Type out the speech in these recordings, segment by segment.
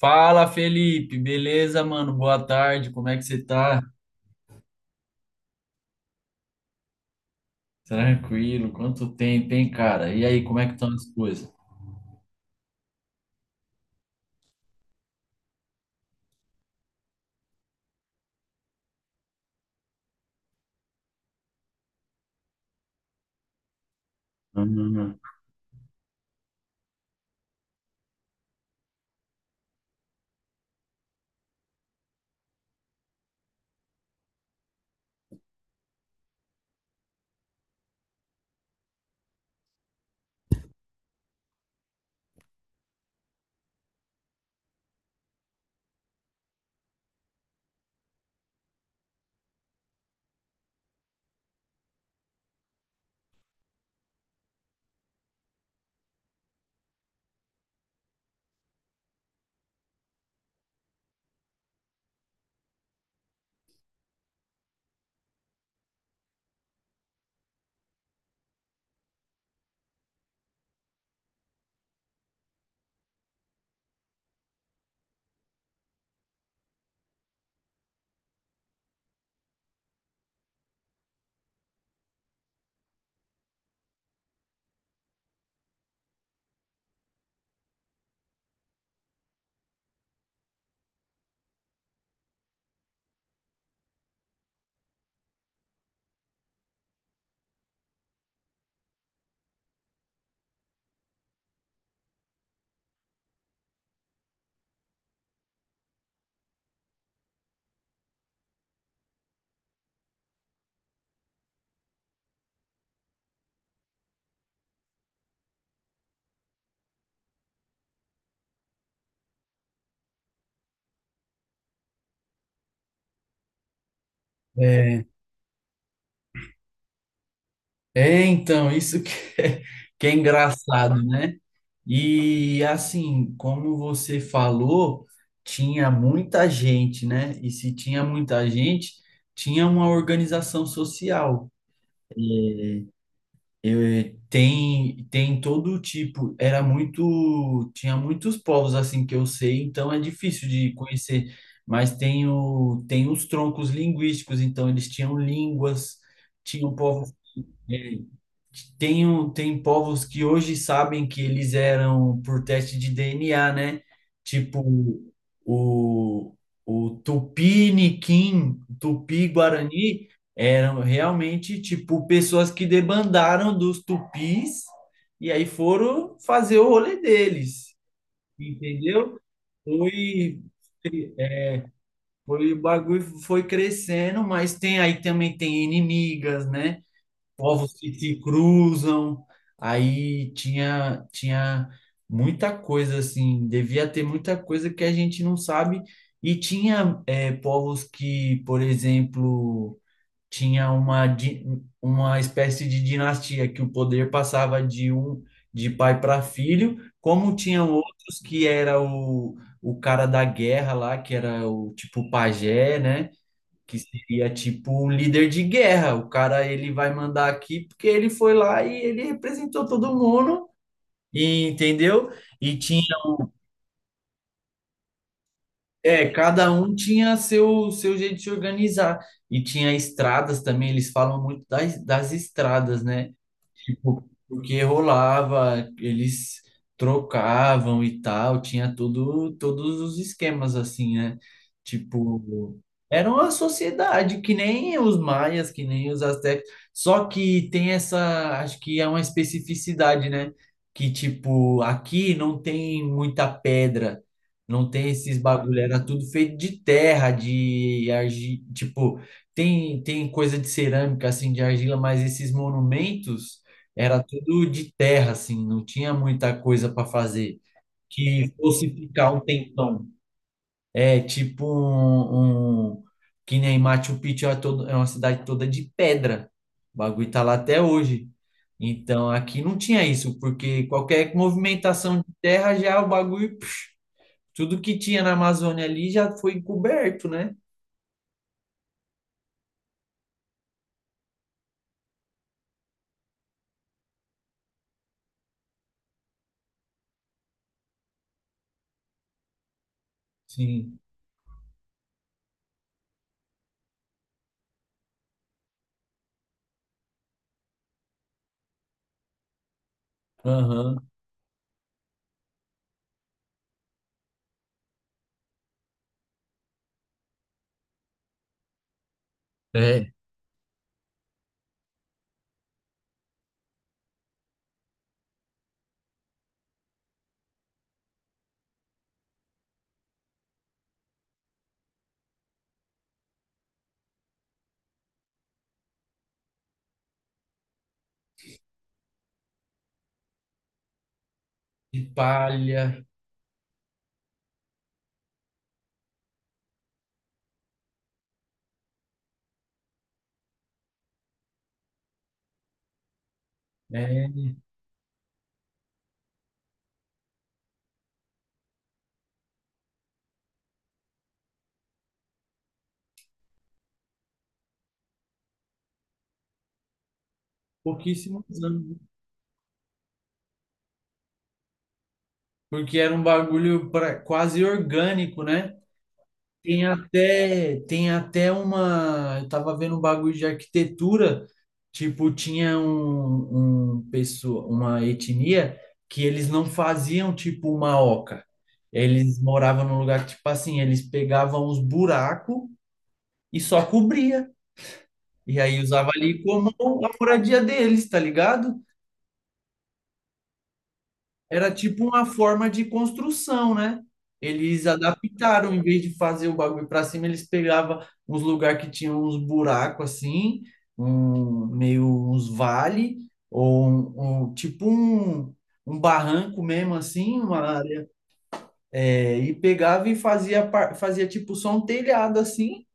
Fala, Felipe, beleza, mano? Boa tarde, como é que você tá? Tranquilo, quanto tempo, hein, cara? E aí, como é que estão as coisas? Uhum. É, é, então, isso é, que é engraçado, né? E assim, como você falou, tinha muita gente, né? E se tinha muita gente, tinha uma organização social. Eu, tem todo tipo, era muito, tinha muitos povos assim que eu sei, então é difícil de conhecer, mas tem os troncos linguísticos, então eles tinham línguas, tinham povos. é, tem povos que hoje sabem que eles eram por teste de DNA, né? Tipo o, o Tupiniquim, Tupi-Guarani, eram realmente tipo pessoas que debandaram dos tupis e aí foram fazer o rolê deles, entendeu? Foi, foi, o bagulho foi crescendo, mas tem aí também tem inimigas, né? Povos que se cruzam. Aí tinha muita coisa assim, devia ter muita coisa que a gente não sabe. E tinha povos que, por exemplo, tinha uma espécie de dinastia que o poder passava de pai para filho, como tinham outros que era o cara da guerra lá, que era o tipo pajé, né? Que seria tipo o líder de guerra. O cara ele vai mandar aqui porque ele foi lá e ele representou todo mundo, entendeu? E tinha, cada um tinha seu jeito de se organizar. E tinha estradas também, eles falam muito das estradas, né? Tipo, porque rolava, eles trocavam e tal, tinha tudo, todos os esquemas assim, né? Tipo, era uma sociedade que nem os maias, que nem os astecas, só que tem essa, acho que é uma especificidade, né? Que tipo, aqui não tem muita pedra, não tem esses bagulho, era tudo feito de terra, de argila, tipo, tem coisa de cerâmica assim, de argila, mas esses monumentos era tudo de terra, assim, não tinha muita coisa para fazer que fosse ficar um tempão. É tipo um, um- que nem Machu Picchu é, todo, é uma cidade toda de pedra. O bagulho tá lá até hoje. Então aqui não tinha isso, porque qualquer movimentação de terra já é o bagulho, pf, tudo que tinha na Amazônia ali já foi encoberto, né? Sim. Aham. É. De palha. É. Pouquíssimos anos, né? Porque era um bagulho pra, quase orgânico, né? Tem até uma. Eu tava vendo um bagulho de arquitetura, tipo, tinha uma etnia que eles não faziam tipo uma oca. Eles moravam num lugar que, tipo assim, eles pegavam os buracos e só cobria. E aí usava ali como a moradia deles, tá ligado? Era tipo uma forma de construção, né? Eles adaptaram, em vez de fazer o bagulho para cima, eles pegavam uns lugares que tinham uns buracos assim, um, meio uns vale, ou um barranco mesmo assim, uma área, e pegava e fazia, fazia tipo só um telhado assim,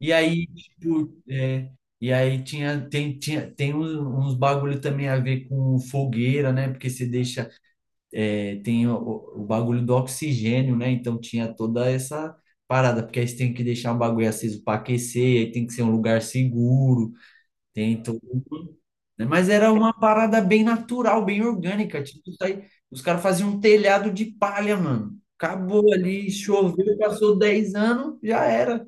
e aí, tipo, e aí tem uns bagulho também a ver com fogueira, né? Porque você deixa. É, tem o bagulho do oxigênio, né? Então tinha toda essa parada, porque aí você tem que deixar o bagulho aceso para aquecer, aí tem que ser um lugar seguro, tem todo né? Mas era uma parada bem natural, bem orgânica. Tipo, isso aí, os caras faziam um telhado de palha, mano. Acabou ali, choveu, passou 10 anos, já era.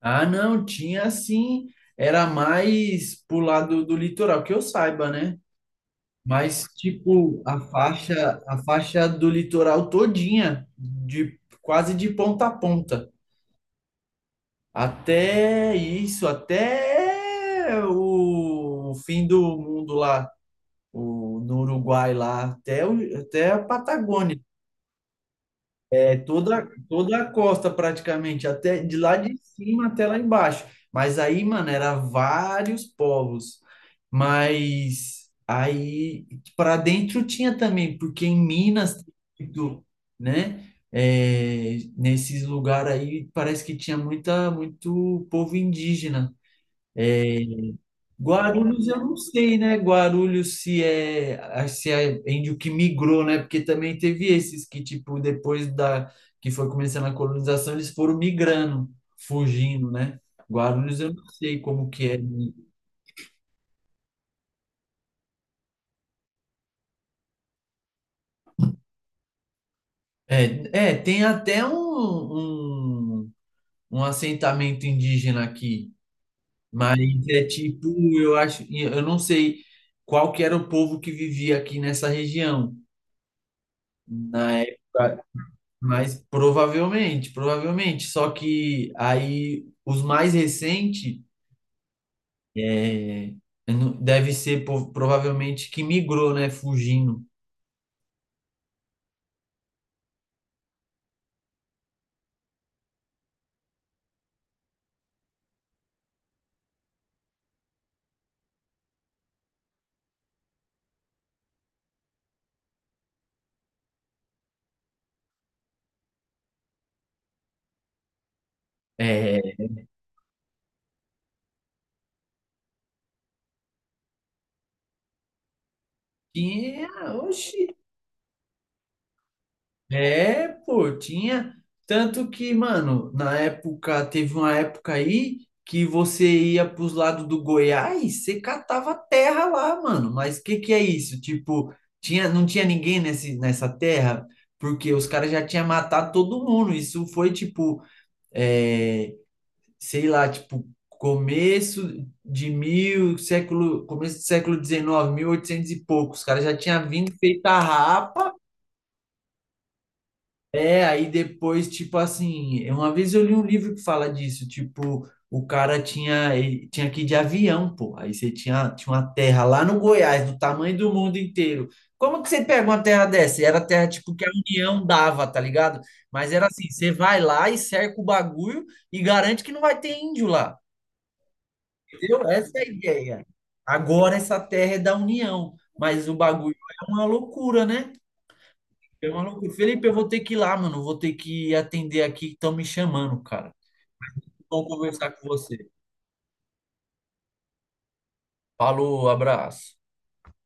Ah, não, tinha assim, era mais pro lado do litoral, que eu saiba, né? Mas, tipo, a faixa do litoral todinha, de quase de ponta a ponta. Até isso, até o fim do mundo lá, no Uruguai lá, até a Patagônia. É toda, toda a costa praticamente, até de lá de cima até lá embaixo. Mas aí, mano, era vários povos. Mas aí para dentro tinha também, porque em Minas, tem muito, né? É, nesses lugares aí parece que tinha muita, muito povo indígena. Guarulhos, eu não sei, né? Guarulhos se é índio que migrou, né? Porque também teve esses que tipo depois da que foi começando a colonização, eles foram migrando, fugindo, né? Guarulhos, eu não sei como que é. É, tem até um, um, um assentamento indígena aqui, mas é tipo, eu acho, eu não sei qual que era o povo que vivia aqui nessa região. Na época. Mas provavelmente, provavelmente. Só que aí os mais recentes é, deve ser provavelmente que migrou, né? Fugindo. É, que é, oxi. É, pô, tinha. Tanto que, mano, na época, teve uma época aí que você ia pros lados do Goiás, você catava terra lá, mano. Mas o que que é isso? Tipo, tinha, não tinha ninguém nesse, nessa terra, porque os caras já tinham matado todo mundo. Isso foi, tipo, é, sei lá, tipo, começo do século XIX, oitocentos e pouco. Os caras já tinham vindo feita a. É, aí depois, tipo assim, uma vez eu li um livro que fala disso, tipo, o cara tinha, ele tinha que ir de avião, pô. Aí você tinha uma terra lá no Goiás, do tamanho do mundo inteiro. Como que você pega uma terra dessa? E era terra, tipo, que a União dava, tá ligado? Mas era assim, você vai lá e cerca o bagulho e garante que não vai ter índio lá, entendeu? Essa é a ideia. Agora essa terra é da União, mas o bagulho é uma loucura, né? Eu, maluco, Felipe, eu vou ter que ir lá, mano. Vou ter que atender aqui que estão me chamando, cara. Bom conversar com você. Falou, abraço.